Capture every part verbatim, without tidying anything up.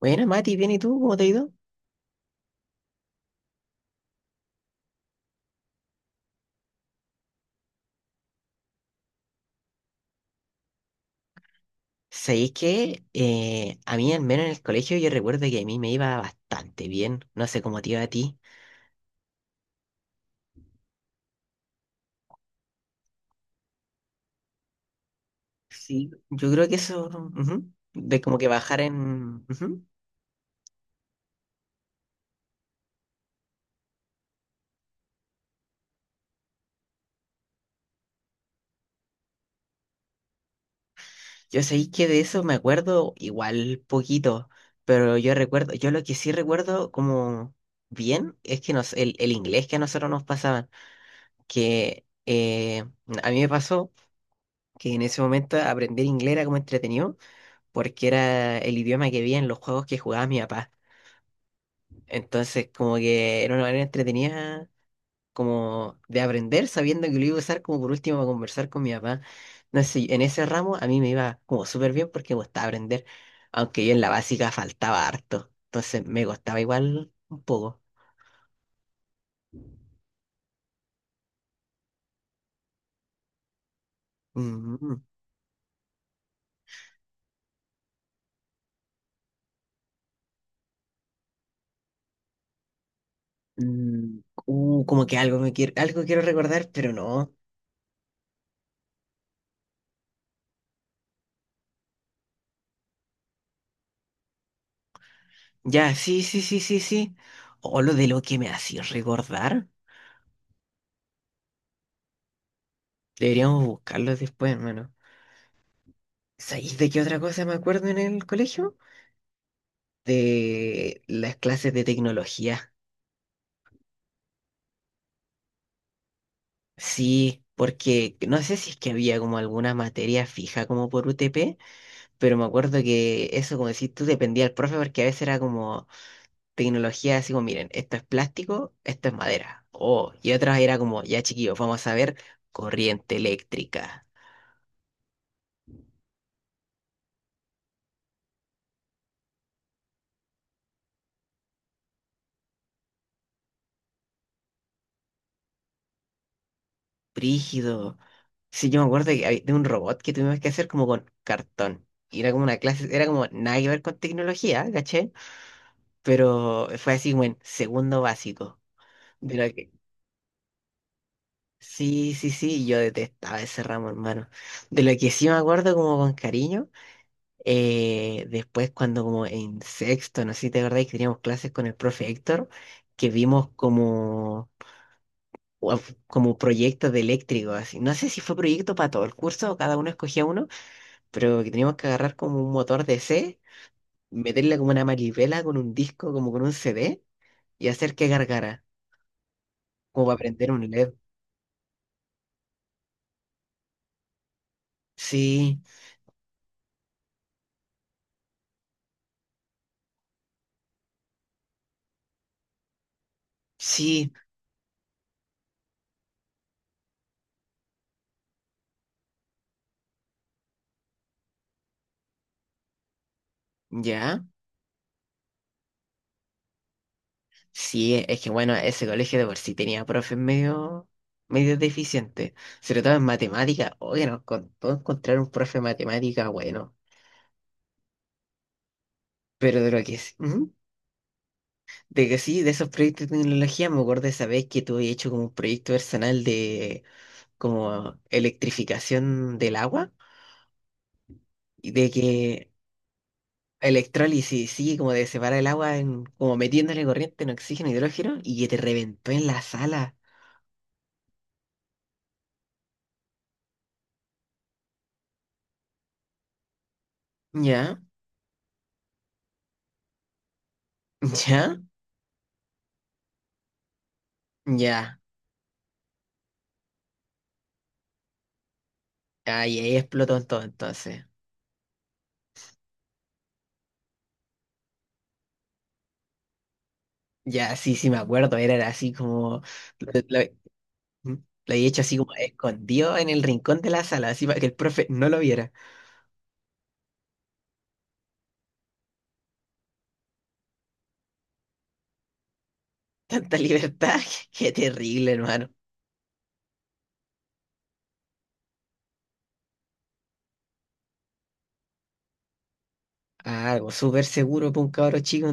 Bueno, Mati, bien, ¿y tú? ¿Cómo te ha ido? Sabéis que, eh, a mí, al menos en el colegio, yo recuerdo que a mí me iba bastante bien. No sé cómo te iba a ti. Sí, yo creo que eso, ujú, de como que bajar en, ujú. Yo sabéis que de eso me acuerdo igual poquito, pero yo recuerdo, yo lo que sí recuerdo como bien es que nos, el, el inglés que a nosotros nos pasaban, que eh, a mí me pasó que en ese momento aprender inglés era como entretenido, porque era el idioma que vi en los juegos que jugaba mi papá. Entonces, como que era una manera entretenida como de aprender sabiendo que lo iba a usar como por último para conversar con mi papá. No sé, en ese ramo a mí me iba como súper bien porque me gustaba aprender, aunque yo en la básica faltaba harto. Entonces me costaba igual un poco. Mm, mm, uh, como que algo me quiero, algo quiero recordar, pero no. Ya, sí, sí, sí, sí, sí. O lo de lo que me hacía recordar. Deberíamos buscarlo después, hermano. ¿Sabéis de qué otra cosa me acuerdo en el colegio? De las clases de tecnología. Sí, porque no sé si es que había como alguna materia fija como por U T P, pero me acuerdo que eso, como decís tú, dependía del profe porque a veces era como tecnología así como, miren, esto es plástico, esto es madera. Oh, y otras era como, ya, chiquillos, vamos a ver corriente eléctrica. Brígido. Sí, yo me acuerdo que hay- de un robot que tuvimos que hacer como con cartón. Y era como una clase, era como nada que ver con tecnología, ¿caché? Pero fue así como en segundo básico. De lo que, sí, sí, sí, yo detestaba ese ramo, hermano. De lo que sí me acuerdo como con cariño, eh, después cuando como en sexto, no sé si te acordás que teníamos clases con el profe Héctor, que vimos como, uf, como proyectos de eléctrico, así. No sé si fue proyecto para todo el curso o cada uno escogía uno, pero que teníamos que agarrar como un motor D C, meterle como una manivela con un disco, como con un C D y hacer que gargara, como para prender un L E D. Sí, sí, ya. Sí, e, es que bueno, ese colegio de por sí tenía profes medio, medio deficientes, sobre todo en matemática. Oye, nos costó encontrar un profe de matemática bueno, pero de lo que es. Ujú. De que sí, de esos proyectos de tecnología, me acuerdo de esa vez que tuve hecho como un proyecto personal de como electrificación del agua. Y de que electrólisis, sí, como de separar el agua en, como metiéndole corriente, en oxígeno, e hidrógeno, y que te reventó en la sala. Ya, ya, ya. Ahí, ahí explotó en todo entonces. Ya, sí, sí, me acuerdo, era, era así como. Lo, lo- ¿Mm? Lo he hecho así como escondido en el rincón de la sala, así para que el profe no lo viera. Tanta libertad, qué terrible, hermano. Algo súper seguro para un cabro chico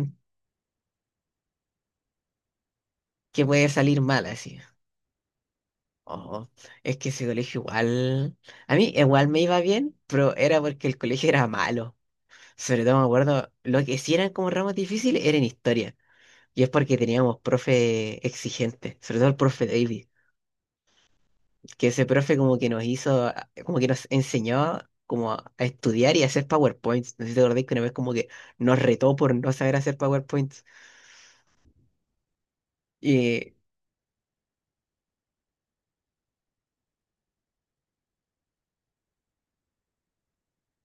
que puede salir mal así. Oh, es que ese colegio igual, a mí igual me iba bien, pero era porque el colegio era malo. Sobre todo me acuerdo, lo que sí eran como ramos difíciles era en historia. Y es porque teníamos profe exigente, sobre todo el profe David, que ese profe como que nos hizo, como que nos enseñó como a estudiar y a hacer PowerPoints. No sé si te acordáis que una vez como que nos retó por no saber hacer PowerPoints. Y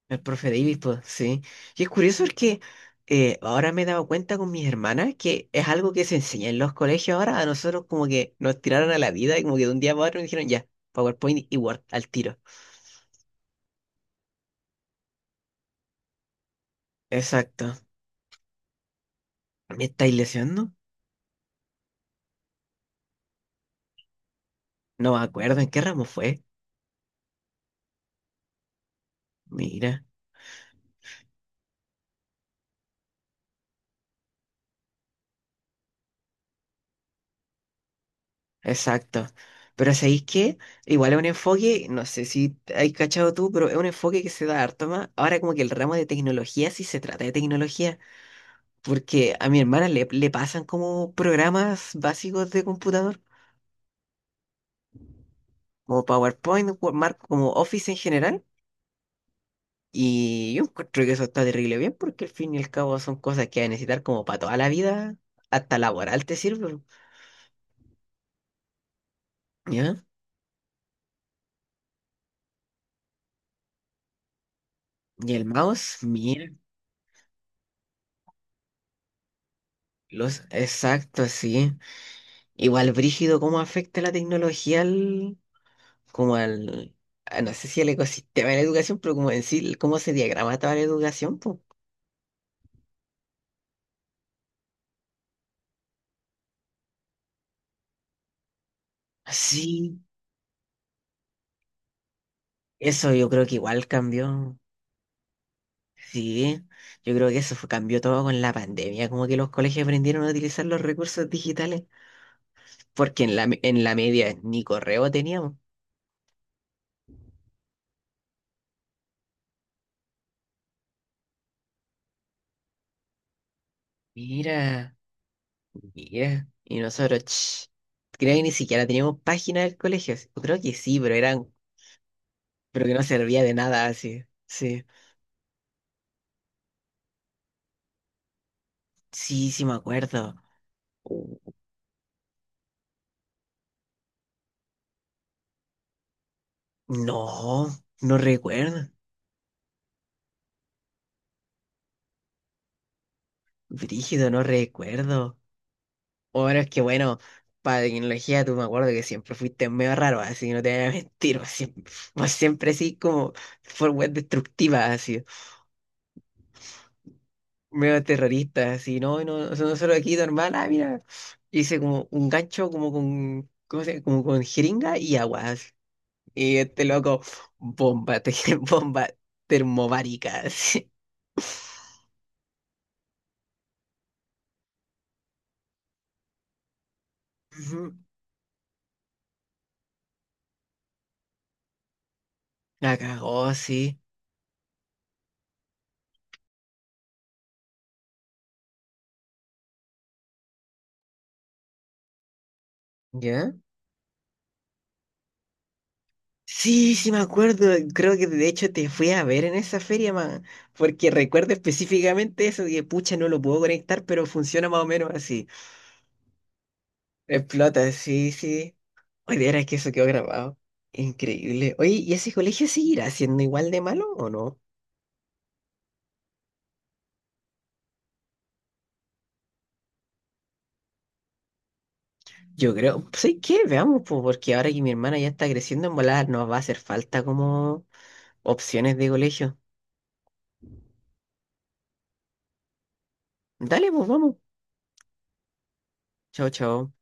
el profe Davis, pues, sí. Y es curioso porque eh, ahora me he dado cuenta con mis hermanas que es algo que se enseña en los colegios ahora. A nosotros como que nos tiraron a la vida y como que de un día para otro nos dijeron ya, PowerPoint y Word al tiro. Exacto. ¿Me estáis lesionando? No me acuerdo en qué ramo fue. Mira, exacto. Pero ¿sabéis qué? Igual es un enfoque, no sé si hay cachado tú, pero es un enfoque que se da harto más. Ahora como que el ramo de tecnología sí se trata de tecnología. Porque a mi hermana le, le pasan como programas básicos de computador, como PowerPoint, Word- Mark, como Office en general. Y yo encuentro que eso está terrible bien porque al fin y al cabo son cosas que vas a necesitar como para toda la vida, hasta laboral te sirve. ¿Ya? Y el mouse, mira, los exacto sí. Igual brígido cómo afecta la tecnología al, como al, a- no sé si al ecosistema de la educación, pero como en sí, cómo se diagrama toda la educación, pues. Sí, eso yo creo que igual cambió. Sí, yo creo que eso fue- cambió todo con la pandemia, como que los colegios aprendieron a utilizar los recursos digitales, porque en la, me- en la media ni correo teníamos. Mira, mira. Y nosotros, ch, creo que ni siquiera teníamos página del colegio. Yo creo que sí, pero eran, pero que no servía de nada así. Sí, sí, sí me acuerdo. Uh, No, no recuerdo. Brígido, no recuerdo. Bueno, es que bueno, para tecnología tú me acuerdo que siempre fuiste medio raro, así que no te voy a mentir, vos siempre, vos siempre así como por web destructiva, así, medio terrorista, así, no, no, no, nosotros aquí normal, ah, mira, hice como un gancho como con, ¿cómo se llama? Como con jeringa y agua, así. Y este loco, bomba, te, bomba termobárica, así. Ujú. La cagó, sí. ¿Ya? Sí, sí me acuerdo. Creo que de hecho te fui a ver en esa feria, man. Porque recuerdo específicamente eso, que pucha, no lo puedo conectar, pero funciona más o menos así. Explota, sí, sí. Oye, era que eso quedó grabado. Increíble. Oye, ¿y ese colegio seguirá siendo igual de malo o no? Yo creo, ¿sabes qué? Veamos, pues, porque ahora que mi hermana ya está creciendo en volar, nos va a hacer falta como opciones de colegio. Dale, pues vamos. Chao, chao.